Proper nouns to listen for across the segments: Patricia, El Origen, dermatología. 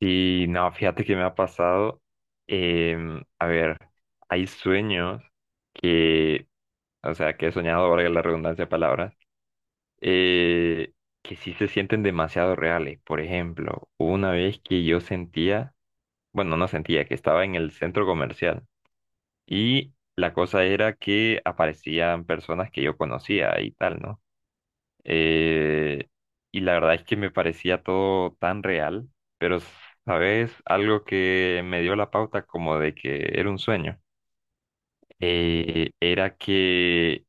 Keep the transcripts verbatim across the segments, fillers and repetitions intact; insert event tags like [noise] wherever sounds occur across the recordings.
Y no, fíjate que me ha pasado. Em, a ver, hay sueños que, o sea, que he soñado, valga la redundancia de palabras, eh, que sí se sienten demasiado reales. Por ejemplo, hubo una vez que yo sentía, bueno, no sentía, que estaba en el centro comercial y la cosa era que aparecían personas que yo conocía y tal, ¿no? Eh, y la verdad es que me parecía todo tan real, pero sabes, algo que me dio la pauta como de que era un sueño, eh, era que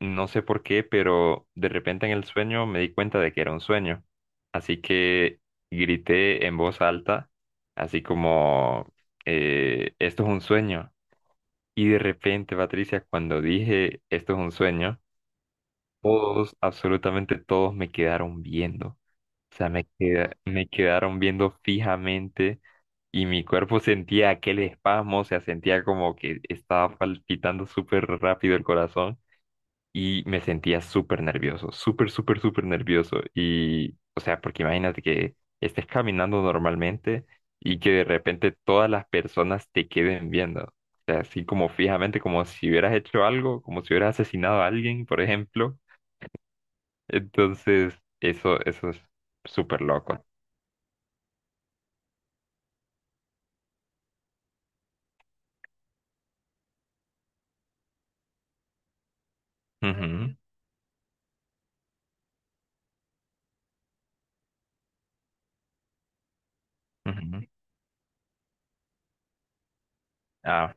no sé por qué, pero de repente en el sueño me di cuenta de que era un sueño. Así que grité en voz alta, así como, eh, esto es un sueño. Y de repente, Patricia, cuando dije, esto es un sueño, todos, absolutamente todos me quedaron viendo. O sea, me queda- me quedaron viendo fijamente y mi cuerpo sentía aquel espasmo, o sea, sentía como que estaba palpitando súper rápido el corazón y me sentía súper nervioso, súper, súper, súper nervioso. Y, o sea, porque imagínate que estés caminando normalmente y que de repente todas las personas te queden viendo. O sea, así como fijamente, como si hubieras hecho algo, como si hubieras asesinado a alguien, por ejemplo. Entonces, eso, eso es súper loco. Ujú, ujú. Ah,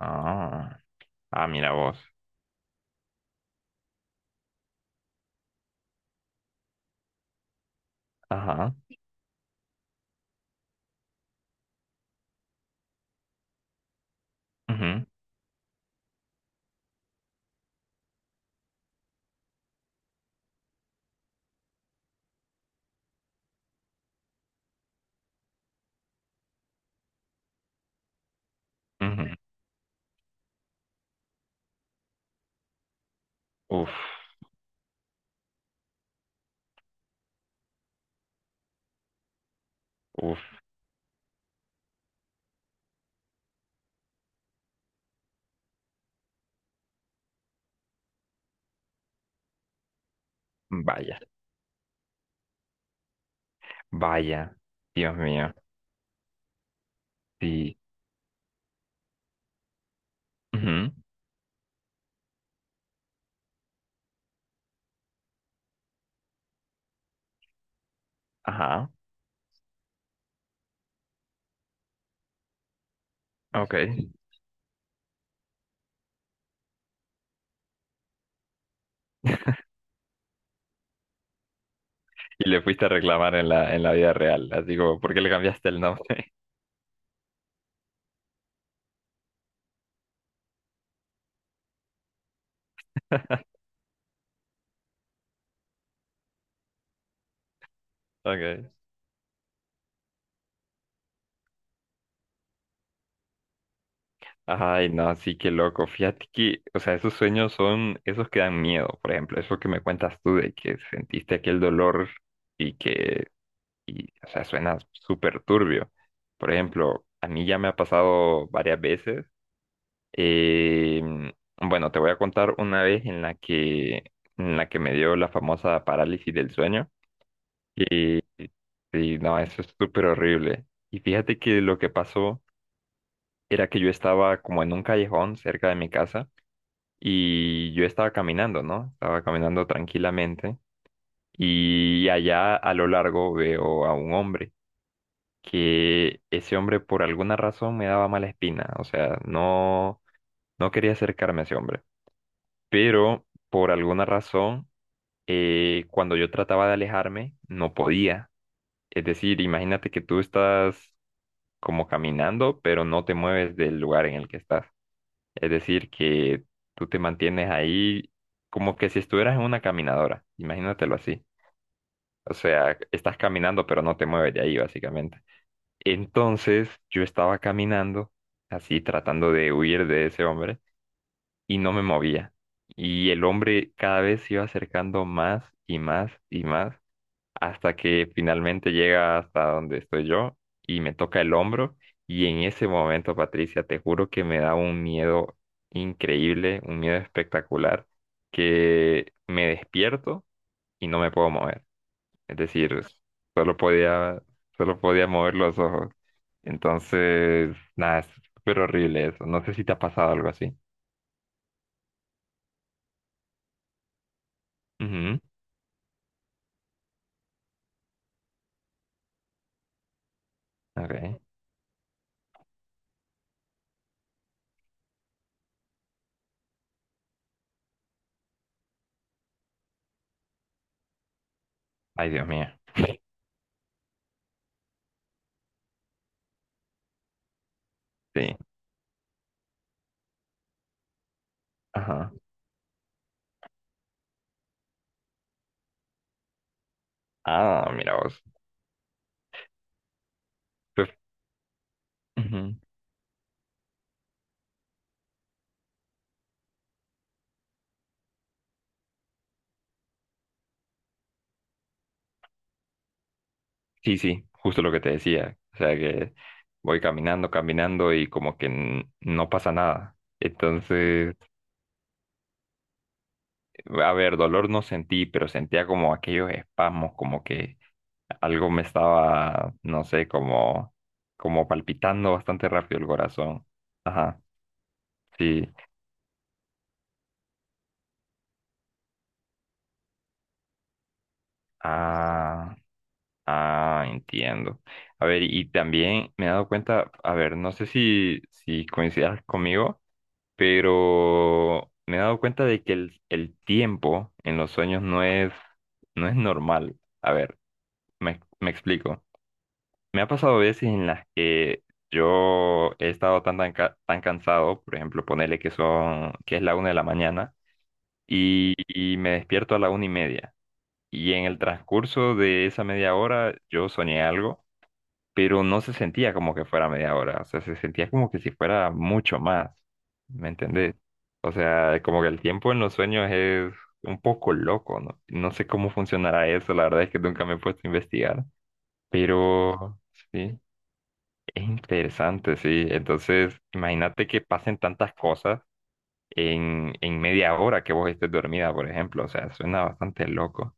ah, ah, mira vos. Ajá. Ujú, ujú. Uf, uf, vaya, vaya. Dios mío. Sí. Ujú, ajá. Ok. Y le fuiste a reclamar en la, en la vida real. Así como, ¿por qué le cambiaste el nombre? [laughs] Okay. Ay, no, sí, qué loco. Fíjate que, o sea, esos sueños son esos que dan miedo, por ejemplo, eso que me cuentas tú de que sentiste aquel dolor. y que Y, o sea, suena súper turbio. Por ejemplo, a mí ya me ha pasado varias veces. Em, bueno, te voy a contar una vez en la que, en la que me dio la famosa parálisis del sueño. Y, y no, eso es súper horrible. Y fíjate que lo que pasó era que yo estaba como en un callejón cerca de mi casa y yo estaba caminando, ¿no? Estaba caminando tranquilamente y allá a lo largo veo a un hombre, que ese hombre por alguna razón me daba mala espina, o sea, no, no quería acercarme a ese hombre, pero por alguna razón, eh, cuando yo trataba de alejarme, no podía. Es decir, imagínate que tú estás como caminando, pero no te mueves del lugar en el que estás. Es decir, que tú te mantienes ahí como que si estuvieras en una caminadora, imagínatelo así. O sea, estás caminando, pero no te mueves de ahí, básicamente. Entonces yo estaba caminando, así tratando de huir de ese hombre, y no me movía. Y el hombre cada vez se iba acercando más y más y más, hasta que finalmente llega hasta donde estoy yo y me toca el hombro. Y en ese momento, Patricia, te juro que me da un miedo increíble, un miedo espectacular, que me despierto y no me puedo mover. Es decir, solo podía, solo podía mover los ojos. Entonces, nada, es súper horrible eso. No sé si te ha pasado algo así. Ujú, ok. Ay, Dios mío. Sí. Ajá. Ah, mira vos. Pues, ujú. Sí, sí, justo lo que te decía. O sea que voy caminando, caminando y como que n- no pasa nada. Entonces, a ver, dolor no sentí, pero sentía como aquellos espasmos, como que algo me estaba, no sé, como, como palpitando bastante rápido el corazón. Ajá, sí. Ah, ah, entiendo. A ver, y también me he dado cuenta, a ver, no sé si, si coincidas conmigo, pero me he dado cuenta de que el, el tiempo en los sueños no es, no es normal. A ver, me, me explico. Me ha pasado veces en las que yo he estado tan, tan, ca- tan cansado, por ejemplo, ponerle que son, que es la una de la mañana, y, y me despierto a la una y media. Y en el transcurso de esa media hora yo soñé algo, pero no se sentía como que fuera media hora, o sea, se sentía como que si fuera mucho más, ¿me entendés? O sea, como que el tiempo en los sueños es un poco loco, ¿no? No sé cómo funcionará eso, la verdad es que nunca me he puesto a investigar, pero sí. Es interesante, sí. Entonces, imagínate que pasen tantas cosas en, en media hora que vos estés dormida, por ejemplo. O sea, suena bastante loco.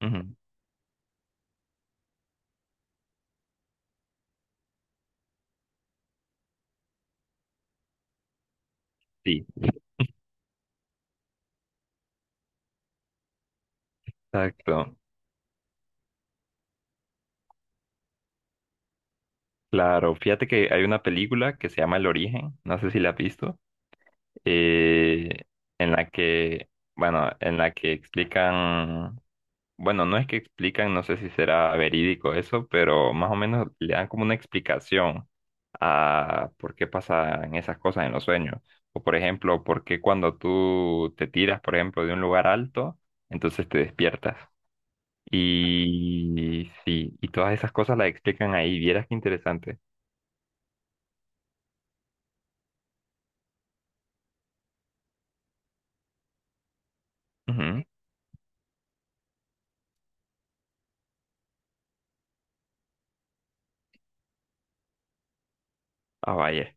Ujú, sí, exacto. Claro, fíjate que hay una película que se llama El Origen, no sé si la has visto, eh, en la que, bueno, en la que explican Bueno, no es que explican, no sé si será verídico eso, pero más o menos le dan como una explicación a por qué pasan esas cosas en los sueños. O por ejemplo, por qué cuando tú te tiras, por ejemplo, de un lugar alto, entonces te despiertas. Y sí, y todas esas cosas las explican ahí. Vieras qué interesante. Ujú. Ah, vaya.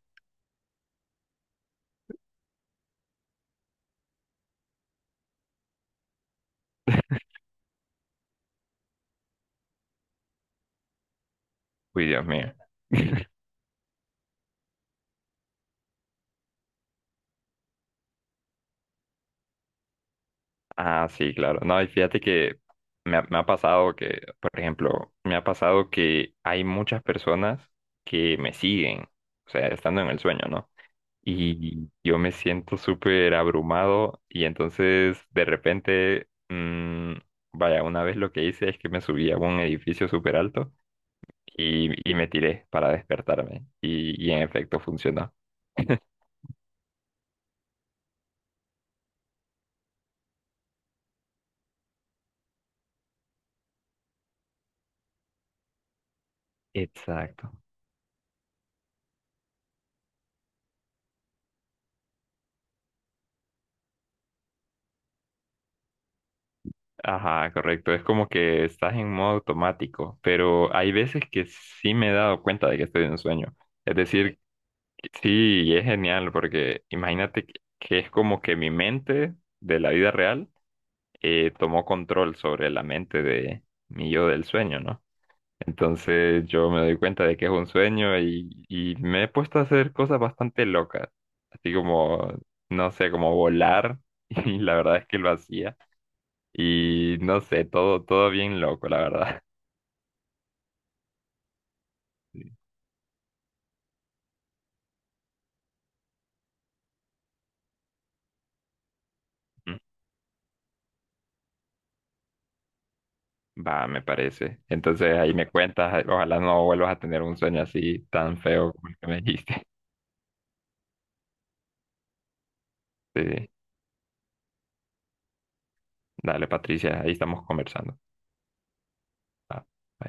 Uy, Dios mío. [laughs] Ah, sí, claro. No, y fíjate que me ha, me ha pasado que, por ejemplo, me ha pasado que hay muchas personas que me siguen, o sea, estando en el sueño, ¿no? Y yo me siento súper abrumado y entonces de repente, mm, vaya, una vez lo que hice es que me subí a un edificio súper alto y, y me tiré para despertarme y, y en efecto funcionó. [laughs] Exacto. Ajá, correcto. Es como que estás en modo automático, pero hay veces que sí me he dado cuenta de que estoy en sueño. Es decir, sí, y es genial porque imagínate que que es como que mi mente de la vida real eh, tomó control sobre la mente de mi yo del sueño, ¿no? Entonces yo me doy cuenta de que es un sueño y, y me he puesto a hacer cosas bastante locas, así como, no sé, como volar [laughs] y la verdad es que lo hacía y no sé, todo, todo bien loco, la verdad. Sí. Mm, Va, me parece. Entonces ahí me cuentas, ojalá no vuelvas a tener un sueño así tan feo como el que me dijiste. [laughs] Sí, sí. Dale, Patricia, ahí estamos conversando.